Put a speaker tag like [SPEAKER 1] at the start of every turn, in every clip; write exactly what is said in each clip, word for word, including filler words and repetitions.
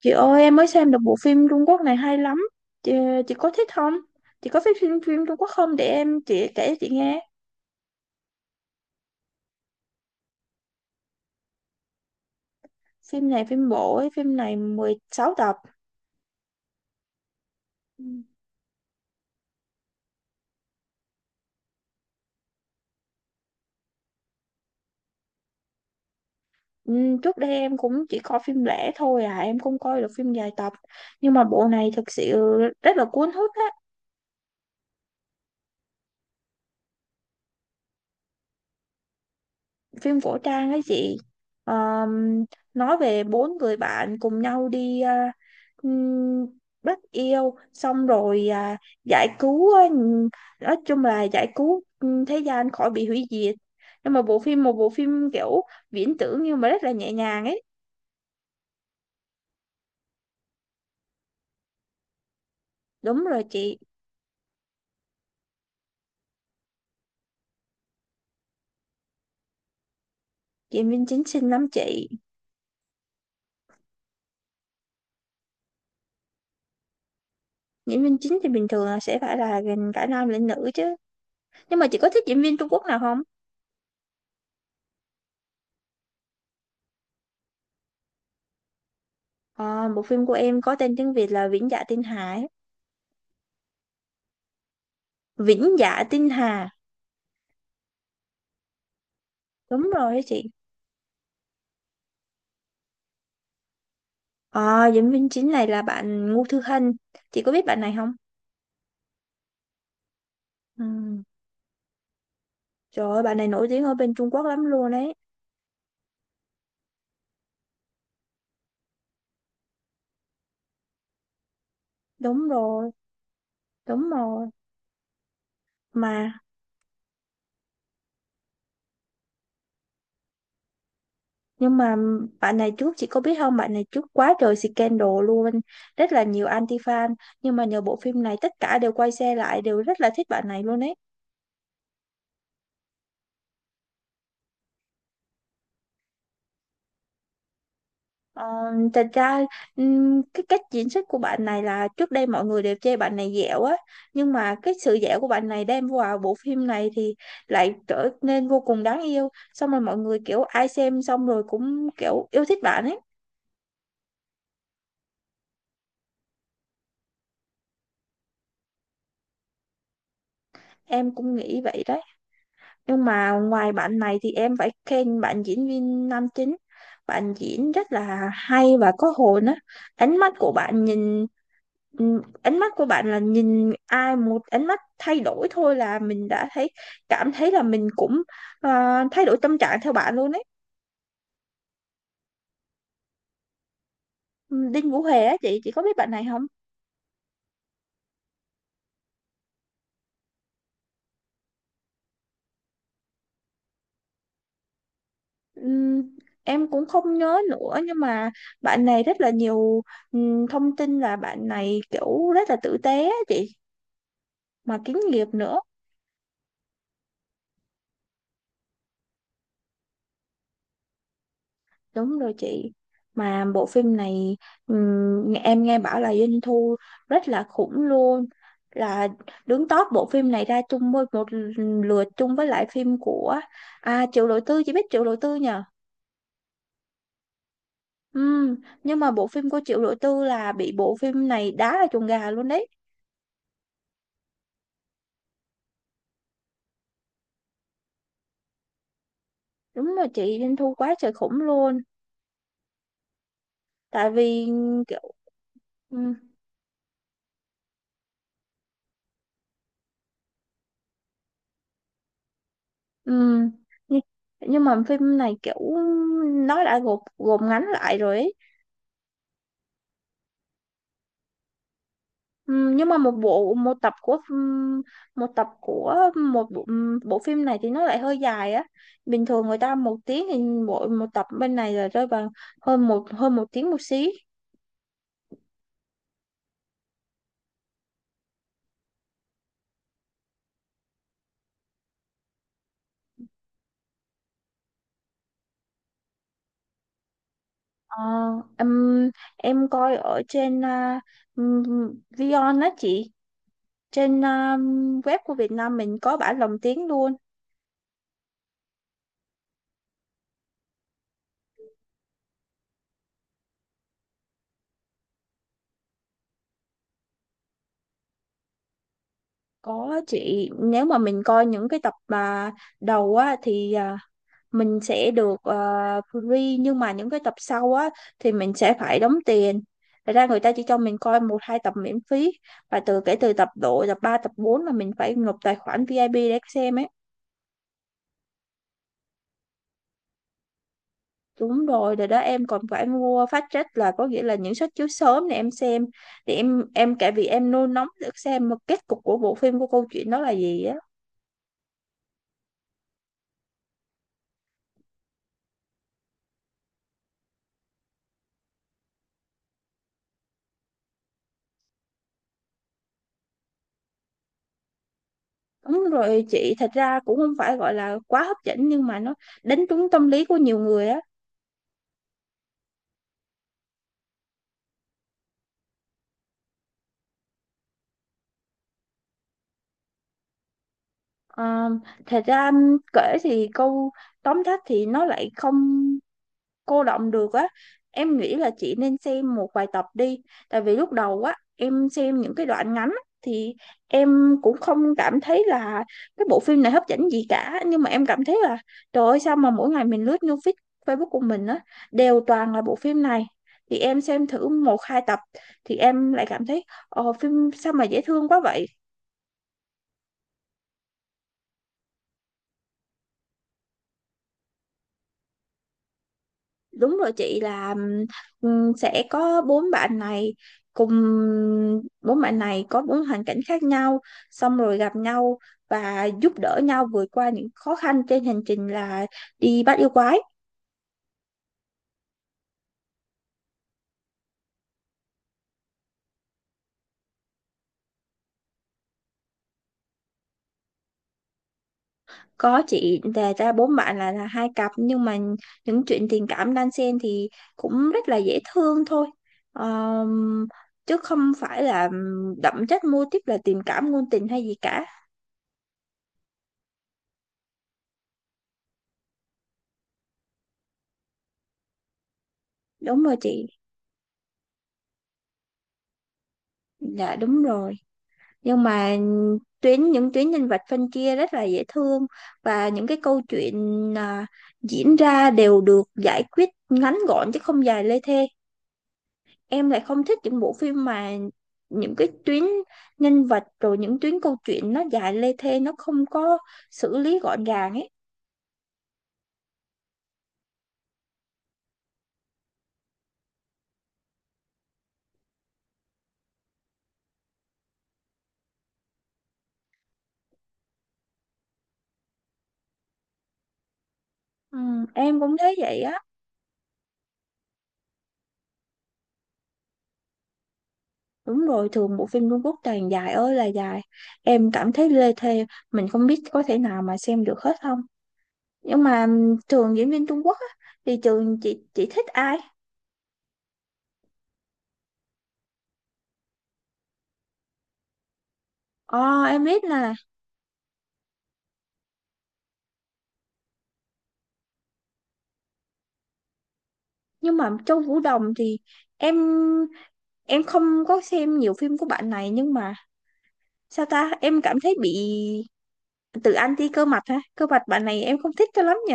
[SPEAKER 1] Chị ơi, em mới xem được bộ phim Trung Quốc này hay lắm. Chị, chị có thích không? Chị có thích phim phim Trung Quốc không? Để em chị kể chị nghe. Phim này phim bộ ấy, phim này mười sáu tập. Ừ. Ừ. Trước đây em cũng chỉ coi phim lẻ thôi à. Em không coi được phim dài tập. Nhưng mà bộ này thực sự rất là cuốn hút á. Phim cổ trang ấy chị. Ờm, nói về bốn người bạn cùng nhau đi à, ừm, bắt yêu xong rồi à, giải cứu à, ừm, nói chung là giải cứu ừm, thế gian khỏi bị hủy diệt. Nhưng mà bộ phim một bộ phim kiểu viễn tưởng nhưng mà rất là nhẹ nhàng ấy. Đúng rồi chị. Diễn viên chính xinh lắm chị. Diễn viên chính thì bình thường là sẽ phải là gần cả nam lẫn nữ chứ. Nhưng mà chị có thích diễn viên Trung Quốc nào không? Ờ, bộ phim của em có tên tiếng Việt là Vĩnh Dạ Tinh Hải. Vĩnh Dạ Tinh Hà. Đúng rồi đấy chị. À diễn viên chính này là bạn Ngô Thư Hân. Chị có biết bạn này không? Ừ. Trời ơi, bạn này nổi tiếng ở bên Trung Quốc lắm luôn đấy. Đúng rồi, đúng rồi. mà nhưng mà bạn này trước, chị có biết không? Bạn này trước quá trời scandal luôn. Rất là nhiều anti fan. Nhưng mà nhờ bộ phim này tất cả đều quay xe lại, đều rất là thích bạn này luôn đấy. Ờ, thật ra ừm, cái cách diễn xuất của bạn này là trước đây mọi người đều chê bạn này dẻo á. Nhưng mà cái sự dẻo của bạn này đem vào bộ phim này thì lại trở nên vô cùng đáng yêu. Xong rồi mọi người kiểu ai xem xong rồi cũng kiểu yêu thích bạn ấy. Em cũng nghĩ vậy đấy. Nhưng mà ngoài bạn này thì em phải khen bạn diễn viên nam chính. Bạn diễn rất là hay và có hồn á. ánh mắt của bạn nhìn ừ, Ánh mắt của bạn là nhìn ai một ánh mắt thay đổi thôi là mình đã thấy, cảm thấy là mình cũng ờ, thay đổi tâm trạng theo bạn luôn đấy. Ừ, Đinh Vũ Hề á chị. Chị có biết bạn này không? Ừm, em cũng không nhớ nữa nhưng mà bạn này rất là nhiều ừm, thông tin là bạn này kiểu rất là tử tế á chị. Mà kín nghiệp nữa. Đúng rồi chị. Mà bộ phim này ừm, em nghe bảo là doanh thu rất là khủng luôn. Là đứng top, bộ phim này ra chung với một lượt chung với lại phim của à Triệu Lộ Tư. Chị biết Triệu Lộ Tư nhờ? Ừm, nhưng mà bộ phim của Triệu Lộ Tư là bị bộ phim này đá là chuồng gà luôn đấy. Đúng rồi chị, doanh thu quá trời khủng luôn. Tại vì kiểu ừm, ừm, nhưng nhưng mà phim này kiểu nó đã gộp gộp ngắn lại rồi ấy. Ừm, nhưng mà một bộ một tập của phim- một tập của một bộ, ừm, bộ phim này thì nó lại hơi dài á. Bình thường người ta một tiếng thì mỗi một tập bên này là rơi vào hơn một hơn một tiếng một xí. Ờ, em em coi ở trên uh, Vion á chị, trên à, web của Việt Nam mình có bản lồng tiếng luôn. Có chị, nếu mà mình coi những cái tập mà đầu á thì à, mình sẽ được ờ, free, nhưng mà những cái tập sau á thì mình sẽ phải đóng tiền. Thật ra người ta chỉ cho mình coi một hai tập miễn phí và từ kể từ tập, độ tập ba tập bốn là mình phải nộp tài khoản víp để xem ấy. Đúng rồi rồi đó, em còn phải mua fast track, là có nghĩa là những suất chiếu sớm để em xem, để em em cả vì em nôn nóng được xem một kết cục của bộ phim, của câu chuyện đó là gì á. Đúng rồi chị, thật ra cũng không phải gọi là quá hấp dẫn nhưng mà nó đánh trúng tâm lý của nhiều người á. Ờ, thật ra anh kể thì câu tóm tắt thì nó lại không cô đọng được á. Em nghĩ là chị nên xem một vài tập đi. Tại vì lúc đầu á em xem những cái đoạn ngắn á, thì em cũng không cảm thấy là cái bộ phim này hấp dẫn gì cả. Nhưng mà em cảm thấy là trời ơi, sao mà mỗi ngày mình lướt news feed Facebook của mình á, đều toàn là bộ phim này. Thì em xem thử một hai tập thì em lại cảm thấy ờ, phim sao mà dễ thương quá vậy. Đúng rồi chị, là ừm, sẽ có bốn bạn này, cùng bốn bạn này có bốn hoàn cảnh khác nhau xong rồi gặp nhau và giúp đỡ nhau vượt qua những khó khăn trên hành trình là đi bắt yêu quái. Có chị, đề ra bốn bạn là, là hai cặp nhưng mà những chuyện tình cảm đan xen thì cũng rất là dễ thương thôi. Ờm, Chứ không phải là đậm chất mô típ là tình cảm ngôn tình hay gì cả. Đúng rồi chị. Dạ đúng rồi. Nhưng mà tuyến những tuyến nhân vật phân chia rất là dễ thương và những cái câu chuyện à, diễn ra đều được giải quyết ngắn gọn chứ không dài lê thê. Em lại không thích những bộ phim mà những cái tuyến nhân vật rồi những tuyến câu chuyện nó dài lê thê, nó không có xử lý gọn gàng ấy. Ừ, em cũng thấy vậy á. Đúng rồi, thường bộ phim Trung Quốc toàn dài ơi là dài. Em cảm thấy lê thê, mình không biết có thể nào mà xem được hết không. Nhưng mà ừm, trường diễn viên Trung Quốc á, thì trường chị chị thích ai? Ờ, em biết là. Nhưng mà Châu Vũ Đồng thì em em không có xem nhiều phim của bạn này. Nhưng mà sao ta, em cảm thấy bị tự anti. Cơ mặt ha cơ mặt bạn này em không thích cho lắm nhỉ.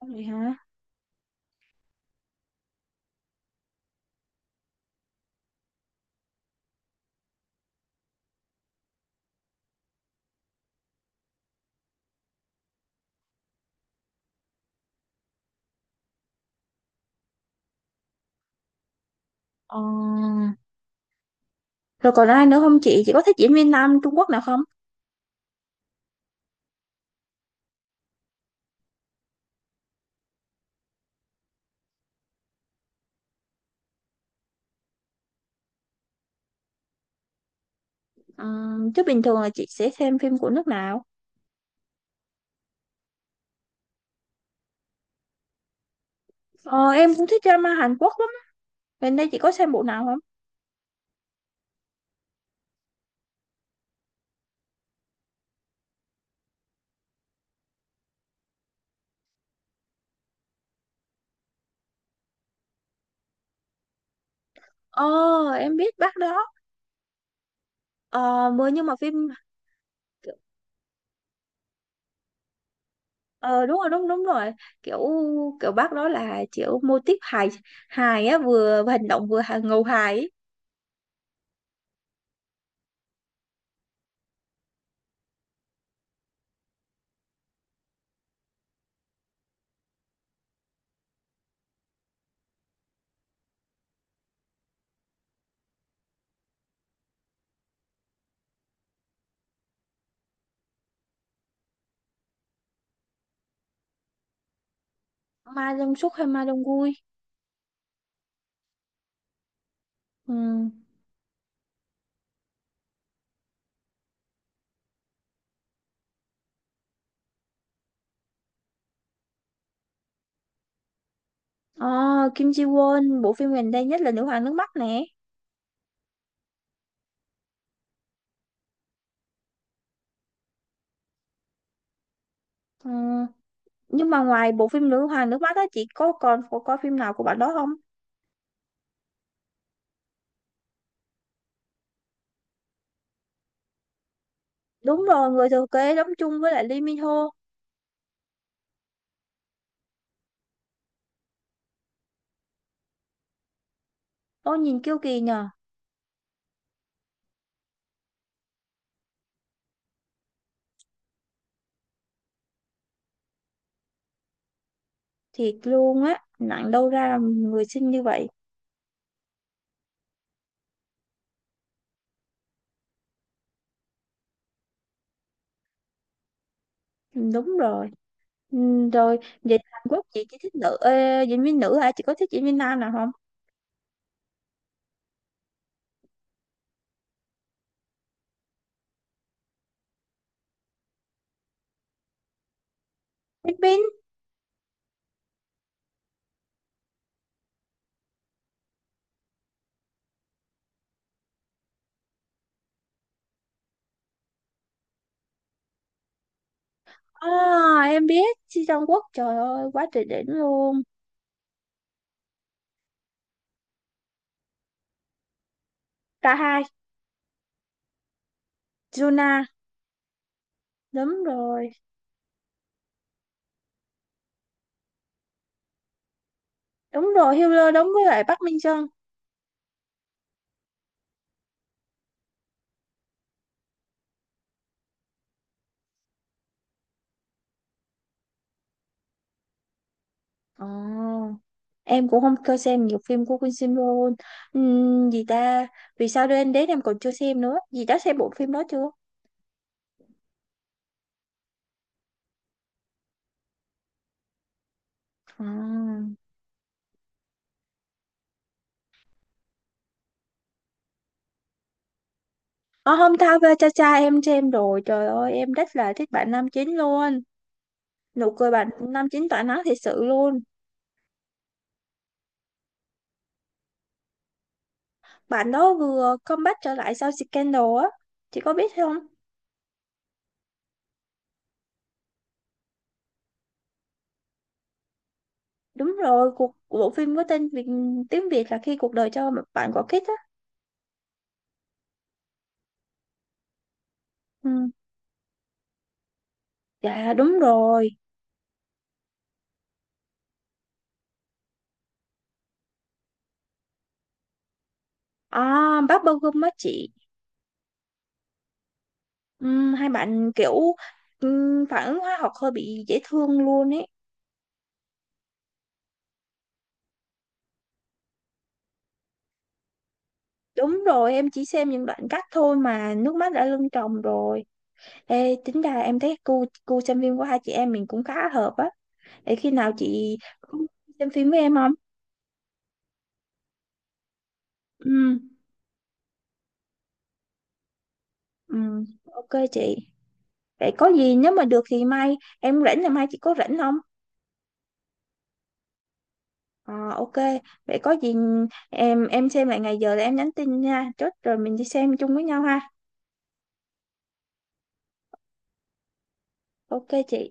[SPEAKER 1] Vậy hả. ờ Rồi còn ai nữa không chị? Chị có thích diễn viên nam Trung Quốc nào không? Ừm, chứ bình thường là chị sẽ xem phim của nước nào? Ờ, em cũng thích drama Hàn Quốc lắm. Gần đây chị có xem bộ nào không? Ờ, em biết bác đó. Ờ mới Nhưng mà phim kiểu, ờ đúng rồi, đúng đúng rồi. Kiểu kiểu bác đó là kiểu mô típ hài, hài á, vừa hành động vừa hài, ngầu hài ấy. Ma Dong Suk hay Ma Dong Gu? Ừ. Ờ, Kim Ji Won, bộ phim gần đây nhất là Nữ Hoàng Nước Mắt nè. Ừ. Nhưng mà ngoài bộ phim Nữ Hoàng Nước Mắt á chị có còn có, có phim nào của bạn đó không? Đúng rồi, Người Thừa Kế đóng chung với lại Lee Min Ho. Ôi nhìn kiêu kỳ nhờ. Thiệt luôn á, nặng đâu ra là người xinh như vậy. Ừ, đúng rồi. Ừ. Rồi vậy Hàn Quốc chị chỉ thích nữ, ờ, diễn viên nữ hả? Chị có thích diễn viên nam nào không? Bin. À, em biết Ji Jong Quốc, trời ơi quá trời đỉnh luôn. Cả hai. Juna. Đúng rồi. Đúng rồi, Hiller đóng với lại Bắc Minh Trân. Ờ, em cũng không có xem nhiều phim của Queen Sim luôn. Ừm, gì ta. Vì sao đến đến em còn chưa xem nữa gì đã xem bộ phim đó chưa? À. Ở hôm tao về cha cha, em xem rồi, trời ơi em rất là thích bạn nam chính luôn. Nụ cười bạn năm chín tỏa nắng thiệt sự luôn. Bạn đó vừa comeback trở lại sau scandal á. Chị có biết không? Đúng rồi, cuộc bộ phim có tên Việt, tiếng Việt là Khi Cuộc Đời Cho Bạn Quả Quýt á. Ừ. Dạ đúng rồi. À, Bubble Gum á chị. Ừ, hai bạn kiểu ừ, phản ứng hóa học hơi bị dễ thương luôn ấy. Đúng rồi, em chỉ xem những đoạn cắt thôi mà nước mắt đã lưng tròng rồi. Ê, tính ra em thấy gu gu xem phim của hai chị em mình cũng khá hợp á. Để khi nào chị cũng xem phim với em không? Ừ, ừ, ok chị. Vậy có gì nếu mà được thì mai em rảnh là mai chị có rảnh không? Ờ, ok. Vậy có gì em em xem lại ngày giờ là em nhắn tin nha. Chốt rồi mình đi xem chung với nhau ha. Ok chị.